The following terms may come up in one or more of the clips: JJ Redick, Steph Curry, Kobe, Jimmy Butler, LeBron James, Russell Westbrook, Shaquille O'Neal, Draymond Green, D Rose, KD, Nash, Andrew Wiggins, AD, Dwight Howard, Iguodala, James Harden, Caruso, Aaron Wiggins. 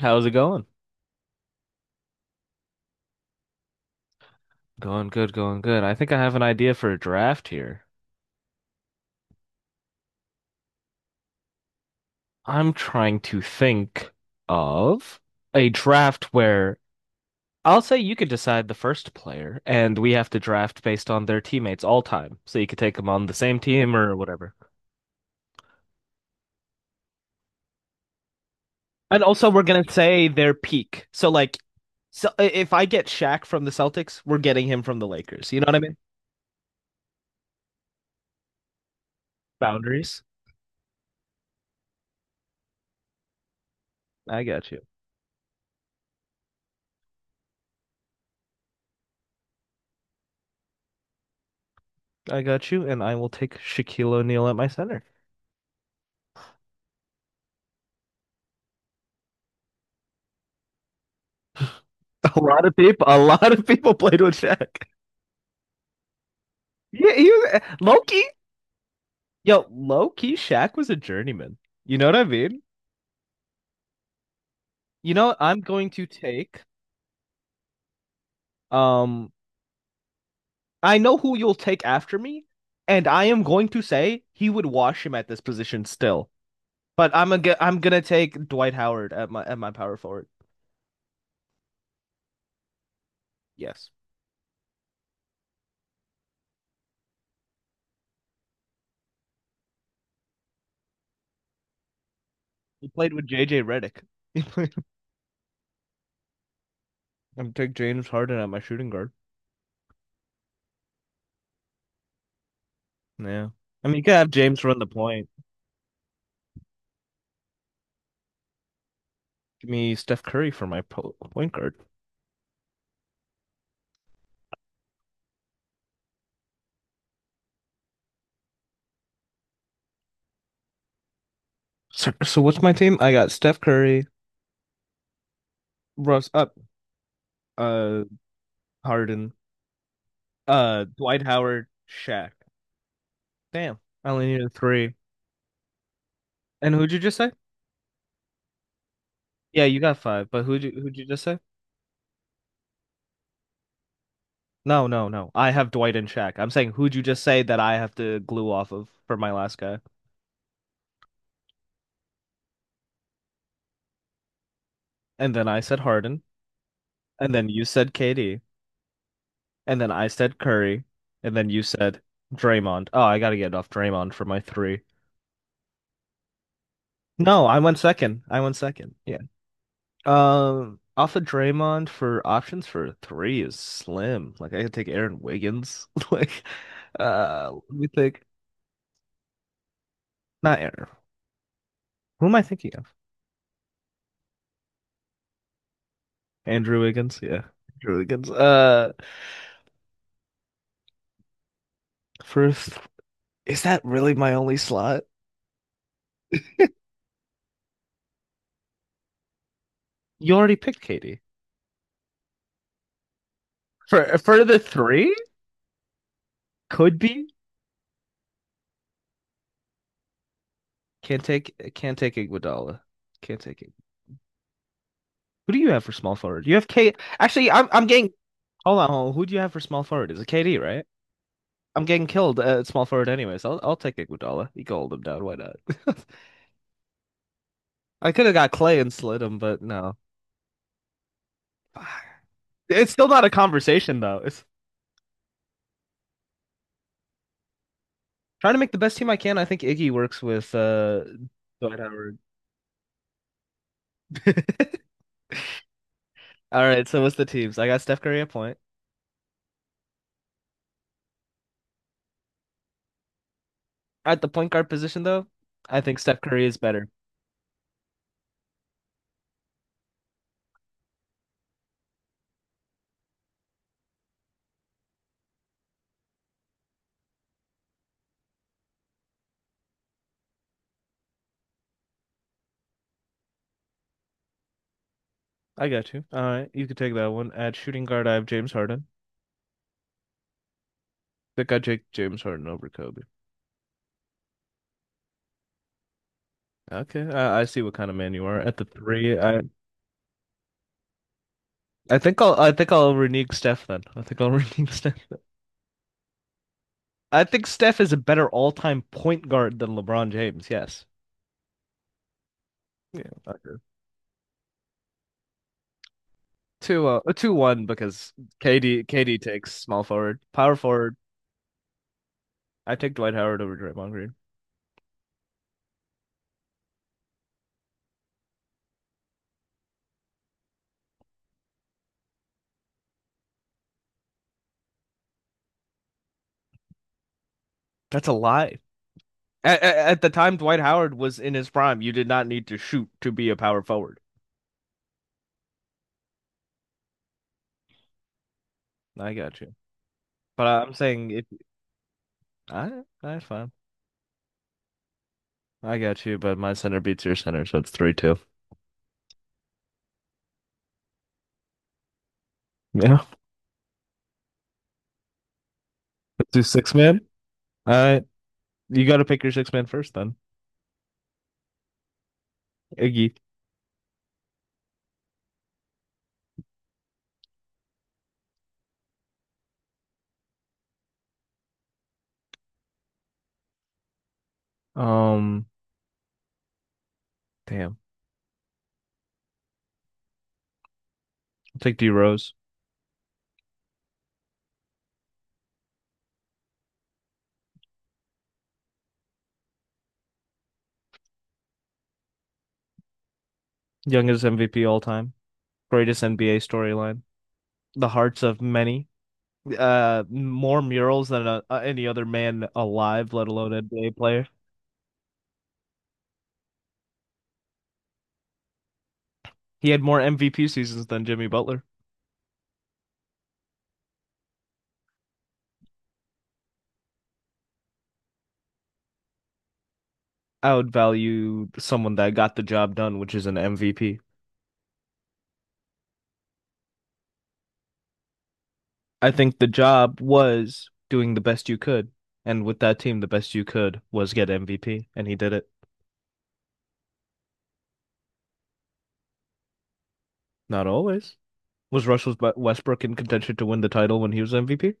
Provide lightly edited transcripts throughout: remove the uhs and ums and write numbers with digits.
How's it going? Going good, going good. I think I have an idea for a draft here. I'm trying to think of a draft where I'll say you could decide the first player, and we have to draft based on their teammates all time. So you could take them on the same team or whatever. And also, we're gonna say their peak. So if I get Shaq from the Celtics, we're getting him from the Lakers. You know what I mean? Boundaries. I got you. I got you, and I will take Shaquille O'Neal at my center. A lot of people, a lot of people played with Shaq. Yeah, he was, Loki. Yo, low key, Shaq was a journeyman. You know what I mean? I'm going to take. Um, I know who you'll take after me, and I am going to say he would wash him at this position still. But I'm gonna take Dwight Howard at my power forward. Yes, he played with JJ Redick. I'm take James Harden at my shooting guard. Yeah, I mean you could have James run the point. Give me Steph Curry for my point guard. So what's my team? I got Steph Curry, Russ up, uh, Harden, Dwight Howard, Shaq. Damn, I only needed three. And who'd you just say? Yeah, you got five. But who'd you just say? No, no, no. I have Dwight and Shaq. I'm saying who'd you just say that I have to glue off of for my last guy? And then I said Harden, and then you said KD, and then I said Curry, and then you said Draymond. Oh, I gotta get off Draymond for my three. No, I went second. I went second. Yeah. Off of Draymond for options for three is slim. Like I could take Aaron Wiggins. Like, let me think. Not Aaron. Who am I thinking of? Andrew Wiggins. Yeah, Andrew Wiggins. First, is that really my only slot? You already picked Katie for the three. Could be. Can't take. Can't take Iguodala. Can't take it. Who do you have for small forward? You have Kate. Actually, I'm getting. Hold on, hold on. Who do you have for small forward? Is it KD, right? I'm getting killed at small forward anyways. I'll take Iguodala. He can hold him down. Why not? I could have got Clay and slid him, but no. It's still not a conversation though. It's trying to make the best team I can. I think Iggy works with Dwight Howard. All right, so what's the teams? I got Steph Curry at point. At the point guard position though, I think Steph Curry is better. I got you. All right, you can take that one. At shooting guard, I have James Harden. I think I take James Harden over Kobe. Okay, I see what kind of man you are. At the three, I think I'll renege Steph then. I think I'll renege Steph. I think Steph is a better all-time point guard than LeBron James. Yes. Yeah, I agree. 2-1 because KD takes small forward, power forward. I take Dwight Howard over Draymond Green. That's a lie. At the time Dwight Howard was in his prime, you did not need to shoot to be a power forward. I got you, but I'm saying if I that's fine. I got you, but my center beats your center, so it's 3-2. Yeah. Let's do six man. I You got to pick your six-man first, then Iggy. Um, Damn, I'll take D Rose, youngest MVP all time, greatest NBA storyline, the hearts of many, more murals than any other man alive, let alone NBA player. He had more MVP seasons than Jimmy Butler. I would value someone that got the job done, which is an MVP. I think the job was doing the best you could, and with that team, the best you could was get MVP, and he did it. Not always. Was Russell Westbrook in contention to win the title when he was MVP?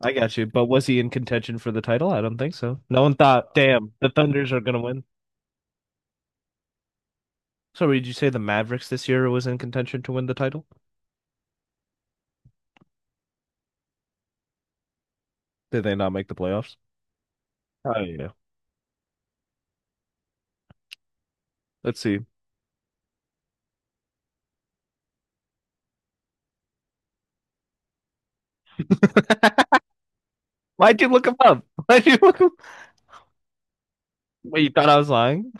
I got you. But was he in contention for the title? I don't think so. No one thought, damn, the Thunders are gonna win. So did you say the Mavericks this year was in contention to win the title? Did they not make the playoffs? Oh yeah. Let's see. Why'd you look him up? Why'd you look him up? Wait, you thought I was lying?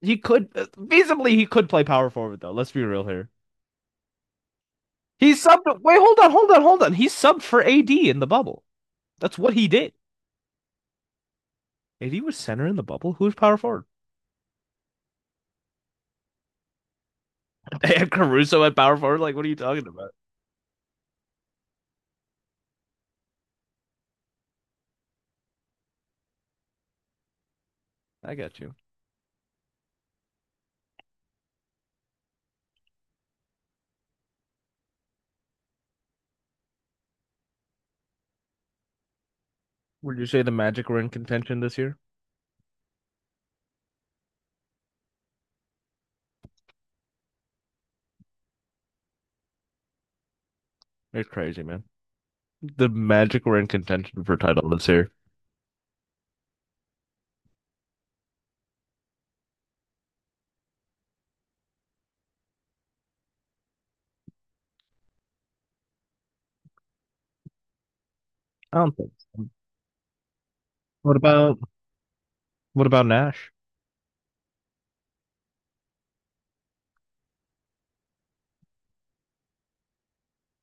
He could feasibly he could play power forward though. Let's be real here. He subbed. Wait, hold on, hold on, hold on. He subbed for AD in the bubble. That's what he did. AD was center in the bubble. Who's power forward? They have Caruso at power forward. Like, what are you talking about? I got you. Would you say the Magic were in contention this year? It's crazy, man. The Magic were in contention for title this year. I don't think so. What about what about Nash?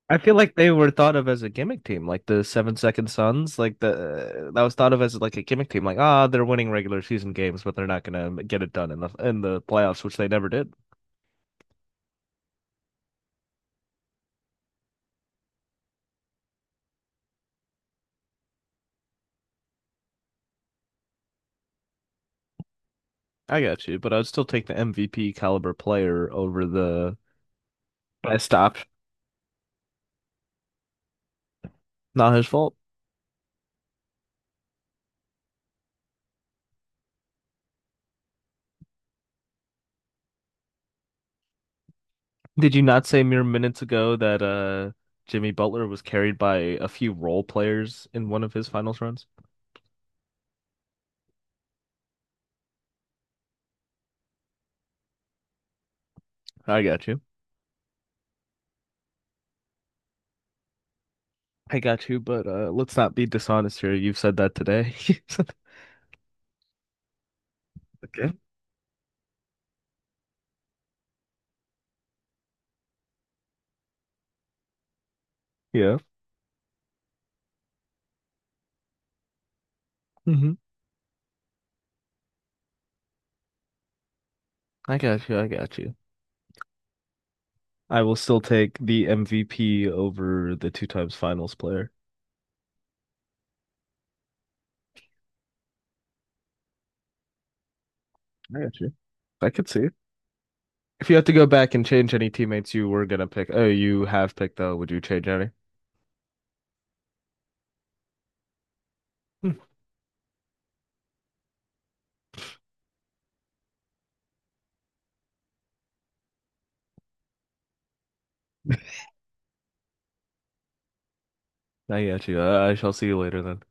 I feel like they were thought of as a gimmick team, like the Seven Second Suns, like the that was thought of as like a gimmick team, like ah, oh, they're winning regular season games, but they're not gonna get it done in the playoffs, which they never did. I got you, but I'd still take the MVP caliber player over the best option. Not his fault. Did you not say mere minutes ago that Jimmy Butler was carried by a few role players in one of his finals runs? I got you. I got you, but let's not be dishonest here. You've said that today. Okay. Yeah. Hmm. I got you. I got you. I will still take the MVP over the two times finals player. I got you. I could see it. If you had to go back and change any teammates you were gonna pick, oh, you have picked though, would you change any? Hmm. I got you. I shall see you later then.